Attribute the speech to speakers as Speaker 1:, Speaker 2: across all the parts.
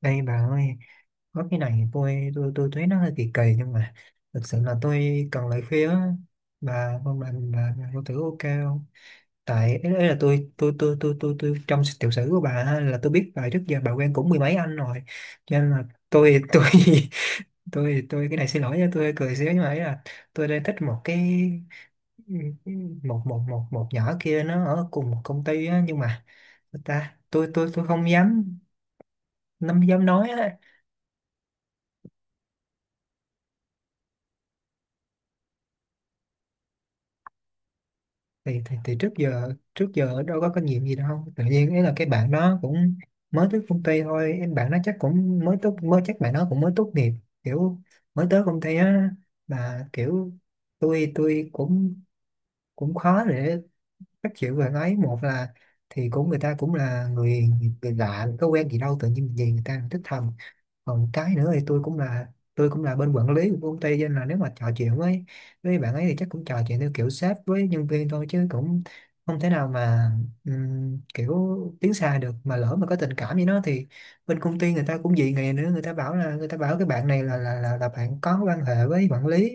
Speaker 1: Đây bà ơi, có cái này tôi thấy nó hơi kỳ kỳ nhưng mà thực sự là tôi cần lời khuyên á. Bà có thử ok không? Tại ý là tôi trong tiểu sử của bà á, là tôi biết bà trước giờ bà quen cũng mười mấy anh rồi, cho nên là tôi tôi cái này xin lỗi nha, tôi hơi cười xíu nhưng mà ý là tôi đang thích một cái một một một một nhỏ kia, nó ở cùng một công ty á nhưng mà người ta, tôi không dám, không dám nói á. Thì trước giờ đâu có kinh nghiệm gì đâu, tự nhiên ấy là cái bạn đó cũng mới tới công ty thôi, em bạn nó chắc cũng mới tốt mới chắc bạn nó cũng mới tốt nghiệp, kiểu mới tới công ty á, mà kiểu tôi cũng cũng khó để các kiểu về ấy, một là thì cũng người ta cũng là người, lạ có quen gì đâu tự nhiên gì người ta thích thầm. Còn cái nữa thì tôi cũng là bên quản lý của công ty, cho nên là nếu mà trò chuyện với bạn ấy thì chắc cũng trò chuyện theo kiểu sếp với nhân viên thôi chứ cũng không thể nào mà kiểu tiến xa được, mà lỡ mà có tình cảm với nó thì bên công ty người ta cũng dị nghị nữa, người ta bảo là người ta bảo cái bạn này là bạn có quan hệ với quản lý.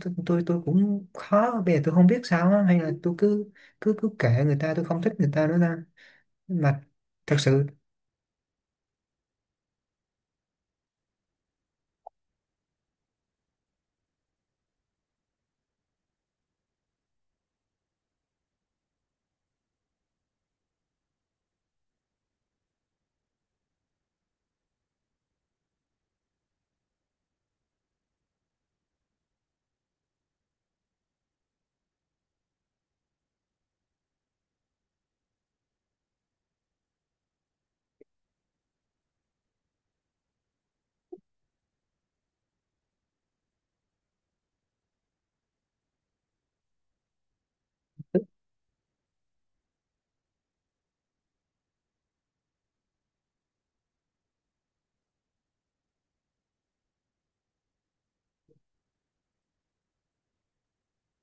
Speaker 1: Tôi cũng khó, bây giờ tôi không biết sao á, hay là tôi cứ cứ cứ kệ người ta, tôi không thích người ta nữa ta mà, thật sự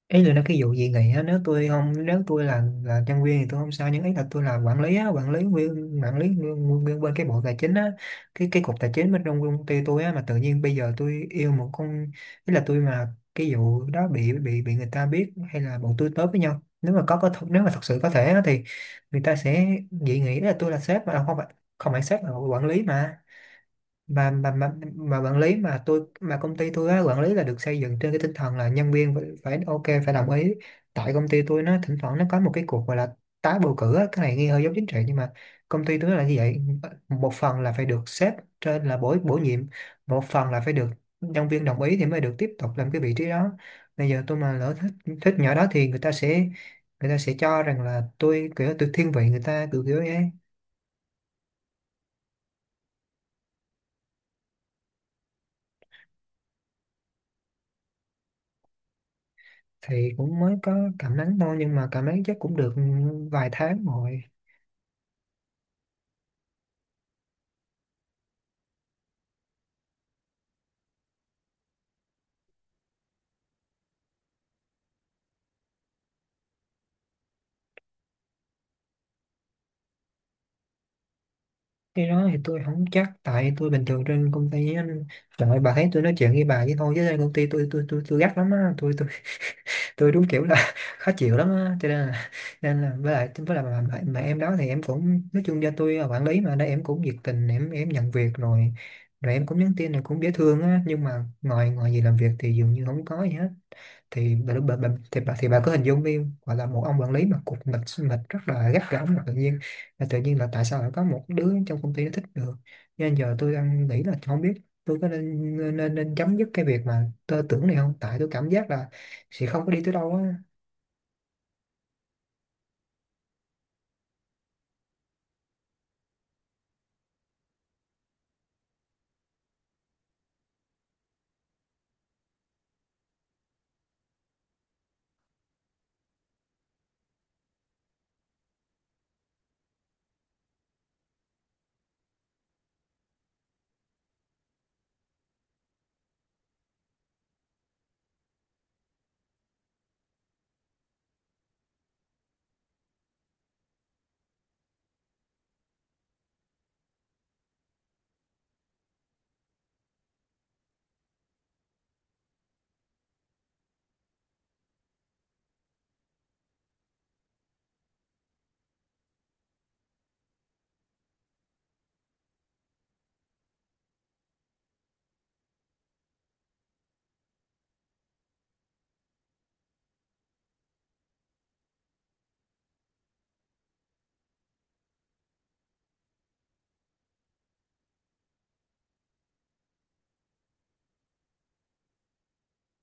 Speaker 1: ấy là nó cái vụ gì này á, nếu tôi không, nếu tôi là nhân viên thì tôi không sao, nhưng ấy là tôi là quản lý á, nguyên bên cái bộ tài chính á, cái cục tài chính bên trong công ty tôi á, mà tự nhiên bây giờ tôi yêu một con, ý là tôi mà cái vụ đó bị người ta biết, hay là bọn tôi tới với nhau, nếu mà nếu mà thật sự có thể á, thì người ta sẽ dị nghị. Ý là tôi là sếp, mà không phải sếp mà là quản lý, mà quản lý mà tôi, mà công ty tôi á, quản lý là được xây dựng trên cái tinh thần là nhân viên phải ok, phải đồng ý. Tại công ty tôi nó thỉnh thoảng nó có một cái cuộc gọi là tái bầu cử á, cái này nghe hơi giống chính trị nhưng mà công ty tôi nó là như vậy, một phần là phải được sếp trên là bổ bổ nhiệm, một phần là phải được nhân viên đồng ý thì mới được tiếp tục làm cái vị trí đó. Bây giờ tôi mà lỡ thích, nhỏ đó thì người ta sẽ cho rằng là tôi kiểu tôi thiên vị người ta, kiểu kiểu ấy. Thì cũng mới có cảm nắng thôi nhưng mà cảm nắng chắc cũng được vài tháng rồi. Cái đó thì tôi không chắc, tại tôi bình thường trên công ty á, trời ơi, bà thấy tôi nói chuyện với bà vậy thôi chứ trên công ty tôi gắt lắm á, tôi đúng kiểu là khó chịu lắm á, cho nên là nên là với lại mà em đó thì em cũng nói chung cho tôi là quản lý mà, đây em cũng nhiệt tình, em nhận việc rồi, em cũng nhắn tin là cũng dễ thương á, nhưng mà ngồi ngồi gì làm việc thì dường như không có gì hết. Thì bà, bà, bà, thì bà thì bà cứ hình dung đi, gọi là một ông quản lý mà cục mịch mịch rất là gắt gỏng, mà tự nhiên, là tự nhiên là tại sao lại có một đứa trong công ty nó thích được. Nên giờ tôi đang nghĩ là không biết tôi có nên chấm dứt cái việc mà tôi tưởng này không, tại tôi cảm giác là sẽ không có đi tới đâu á.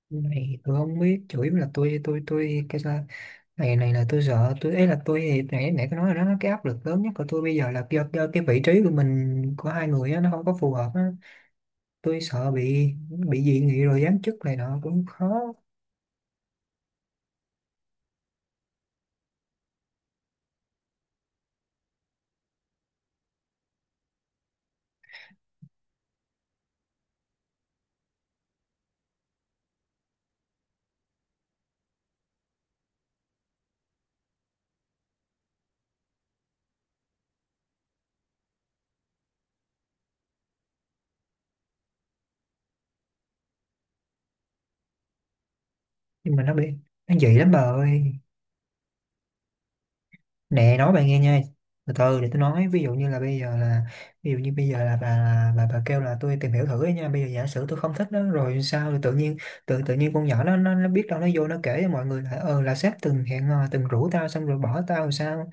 Speaker 1: Này tôi không biết, chủ yếu là tôi cái sao, này này là tôi sợ tôi, ấy là tôi thì nãy nãy có nói rồi đó, cái áp lực lớn nhất của tôi bây giờ là do cái vị trí của mình, của hai người á, nó không có phù hợp á, tôi sợ bị, dị nghị rồi giám chức này nọ cũng khó, nhưng mà nó bị nó dị lắm bà ơi, nè nói bà nghe nha, từ từ để tôi nói. Ví dụ như bây giờ là bà kêu là tôi tìm hiểu thử ấy nha, bây giờ giả sử tôi không thích nó rồi sao, rồi tự nhiên tự tự nhiên con nhỏ nó nó biết đâu nó vô nó kể cho mọi người là, ờ, là sếp từng hẹn hò, từng rủ tao xong rồi bỏ tao rồi sao.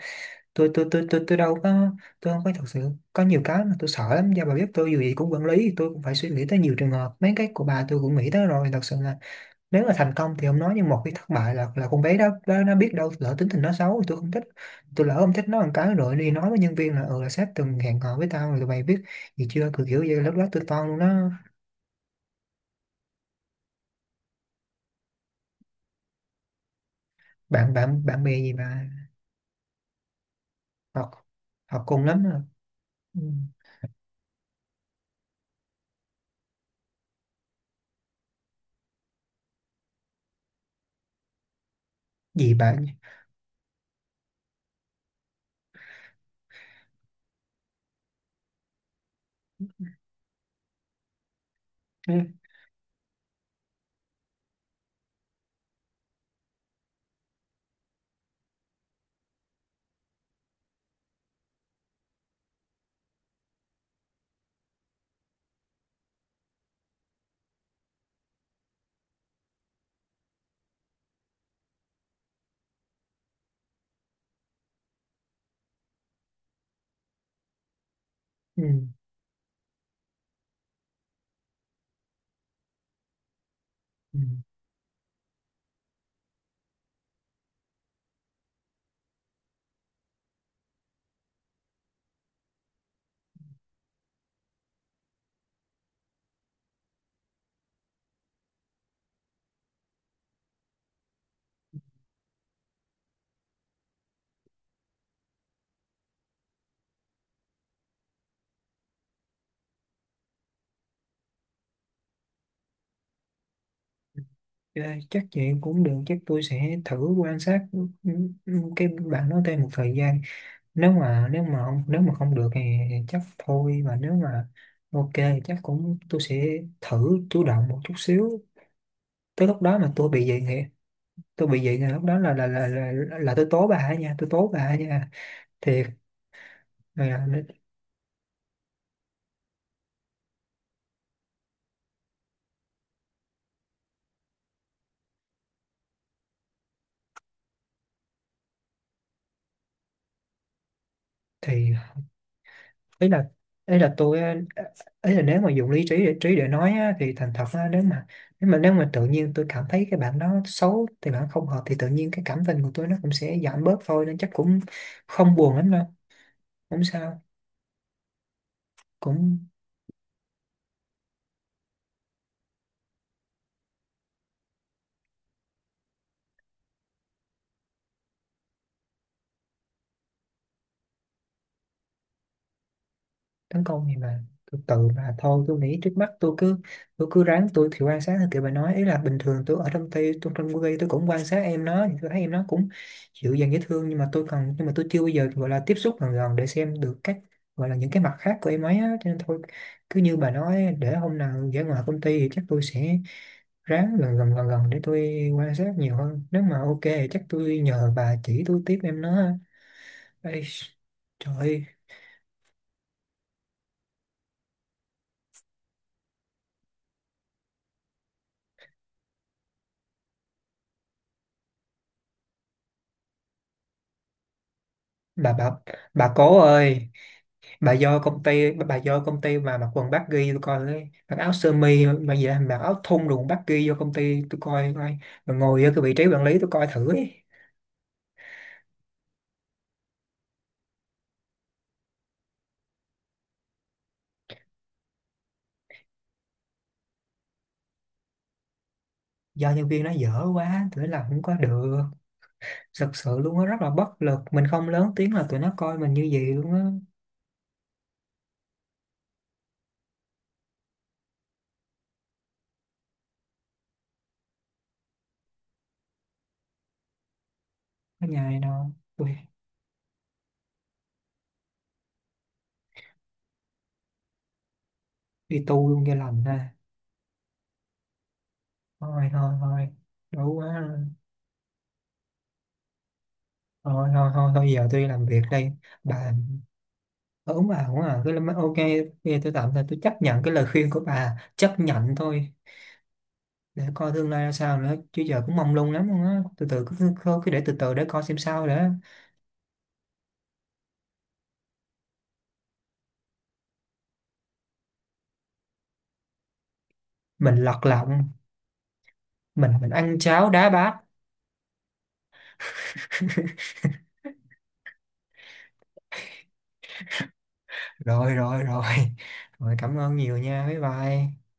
Speaker 1: Tôi đâu có, tôi không có, thật sự có nhiều cái mà tôi sợ lắm, do bà biết tôi dù gì cũng quản lý, tôi cũng phải suy nghĩ tới nhiều trường hợp, mấy cái của bà tôi cũng nghĩ tới rồi, thật sự là nếu mà thành công thì không nói, nhưng một khi thất bại là con bé đó nó, biết đâu lỡ tính tình nó xấu thì tôi không thích, tôi lỡ không thích nó một cái rồi đi nói với nhân viên là, ừ, là sếp từng hẹn hò với tao rồi tụi mày biết gì chưa, kiểu kiểu như lúc đó tôi toan luôn đó. Bạn bạn bạn bè gì mà, học học cùng lắm à. Ừ. Gì bạn. Ừ. Ừ. Ừ. Ờ, chắc vậy cũng được, chắc tôi sẽ thử quan sát, ừ, ừ, cái bạn đó thêm một thời gian, nếu mà không được thì chắc thôi, mà nếu mà ok thì chắc cũng tôi sẽ thử chủ động một chút xíu. Tới lúc đó mà tôi bị vậy thì, lúc đó là tôi tố bà ấy nha, tôi tố bà ấy nha, thiệt mà. Thì ý là ý là tôi á, ý là nếu mà dùng lý trí để nói á, thì thành thật á, nếu mà nếu mà tự nhiên tôi cảm thấy cái bạn đó xấu, thì bạn không hợp thì tự nhiên cái cảm tình của tôi nó cũng sẽ giảm bớt thôi, nên chắc cũng không buồn lắm đâu, không sao, cũng tấn công gì mà, từ từ mà thôi. Tôi nghĩ trước mắt tôi cứ, ráng tôi thì quan sát theo kiểu bà nói, ý là bình thường tôi ở trong tay tôi trong công ty tôi cũng quan sát em nó, thì tôi thấy em nó cũng dịu dàng dễ thương, nhưng mà tôi chưa bao giờ gọi là tiếp xúc gần gần để xem được các, gọi là những cái mặt khác của em ấy á, cho nên thôi cứ như bà nói để hôm nào ra ngoài công ty thì chắc tôi sẽ ráng gần gần để tôi quan sát nhiều hơn, nếu mà ok thì chắc tôi nhờ bà chỉ tôi tiếp em nó ha. Ê, trời ơi, bà bà bà cố ơi, bà do công ty mà mặc quần baggy tôi coi đấy, mặc áo sơ mi mà gì đó, mặc áo thun đồ baggy vô công ty tôi coi coi mà ngồi ở cái vị trí quản lý tôi coi thử ấy. Do nhân viên nó dở quá tụi nó làm không có được, thật sự luôn á, rất là bất lực, mình không lớn tiếng là tụi nó coi mình như vậy luôn á, có nhài đâu. Ui, đi tu luôn cho lành ha, thôi thôi thôi, đủ quá rồi. Thôi thôi thôi thôi, giờ tôi đi làm việc đây bà. Ờ, đúng à, đúng à, ok, bây giờ tôi tạm thời chấp nhận cái lời khuyên của bà, chấp nhận thôi, để coi tương lai ra sao nữa, chứ giờ cũng mong lung lắm luôn á, từ từ cứ để từ từ để coi xem sao nữa, mình lật lọng, mình ăn cháo đá bát, rồi rồi rồi, rồi cảm ơn nhiều nha, bye bye.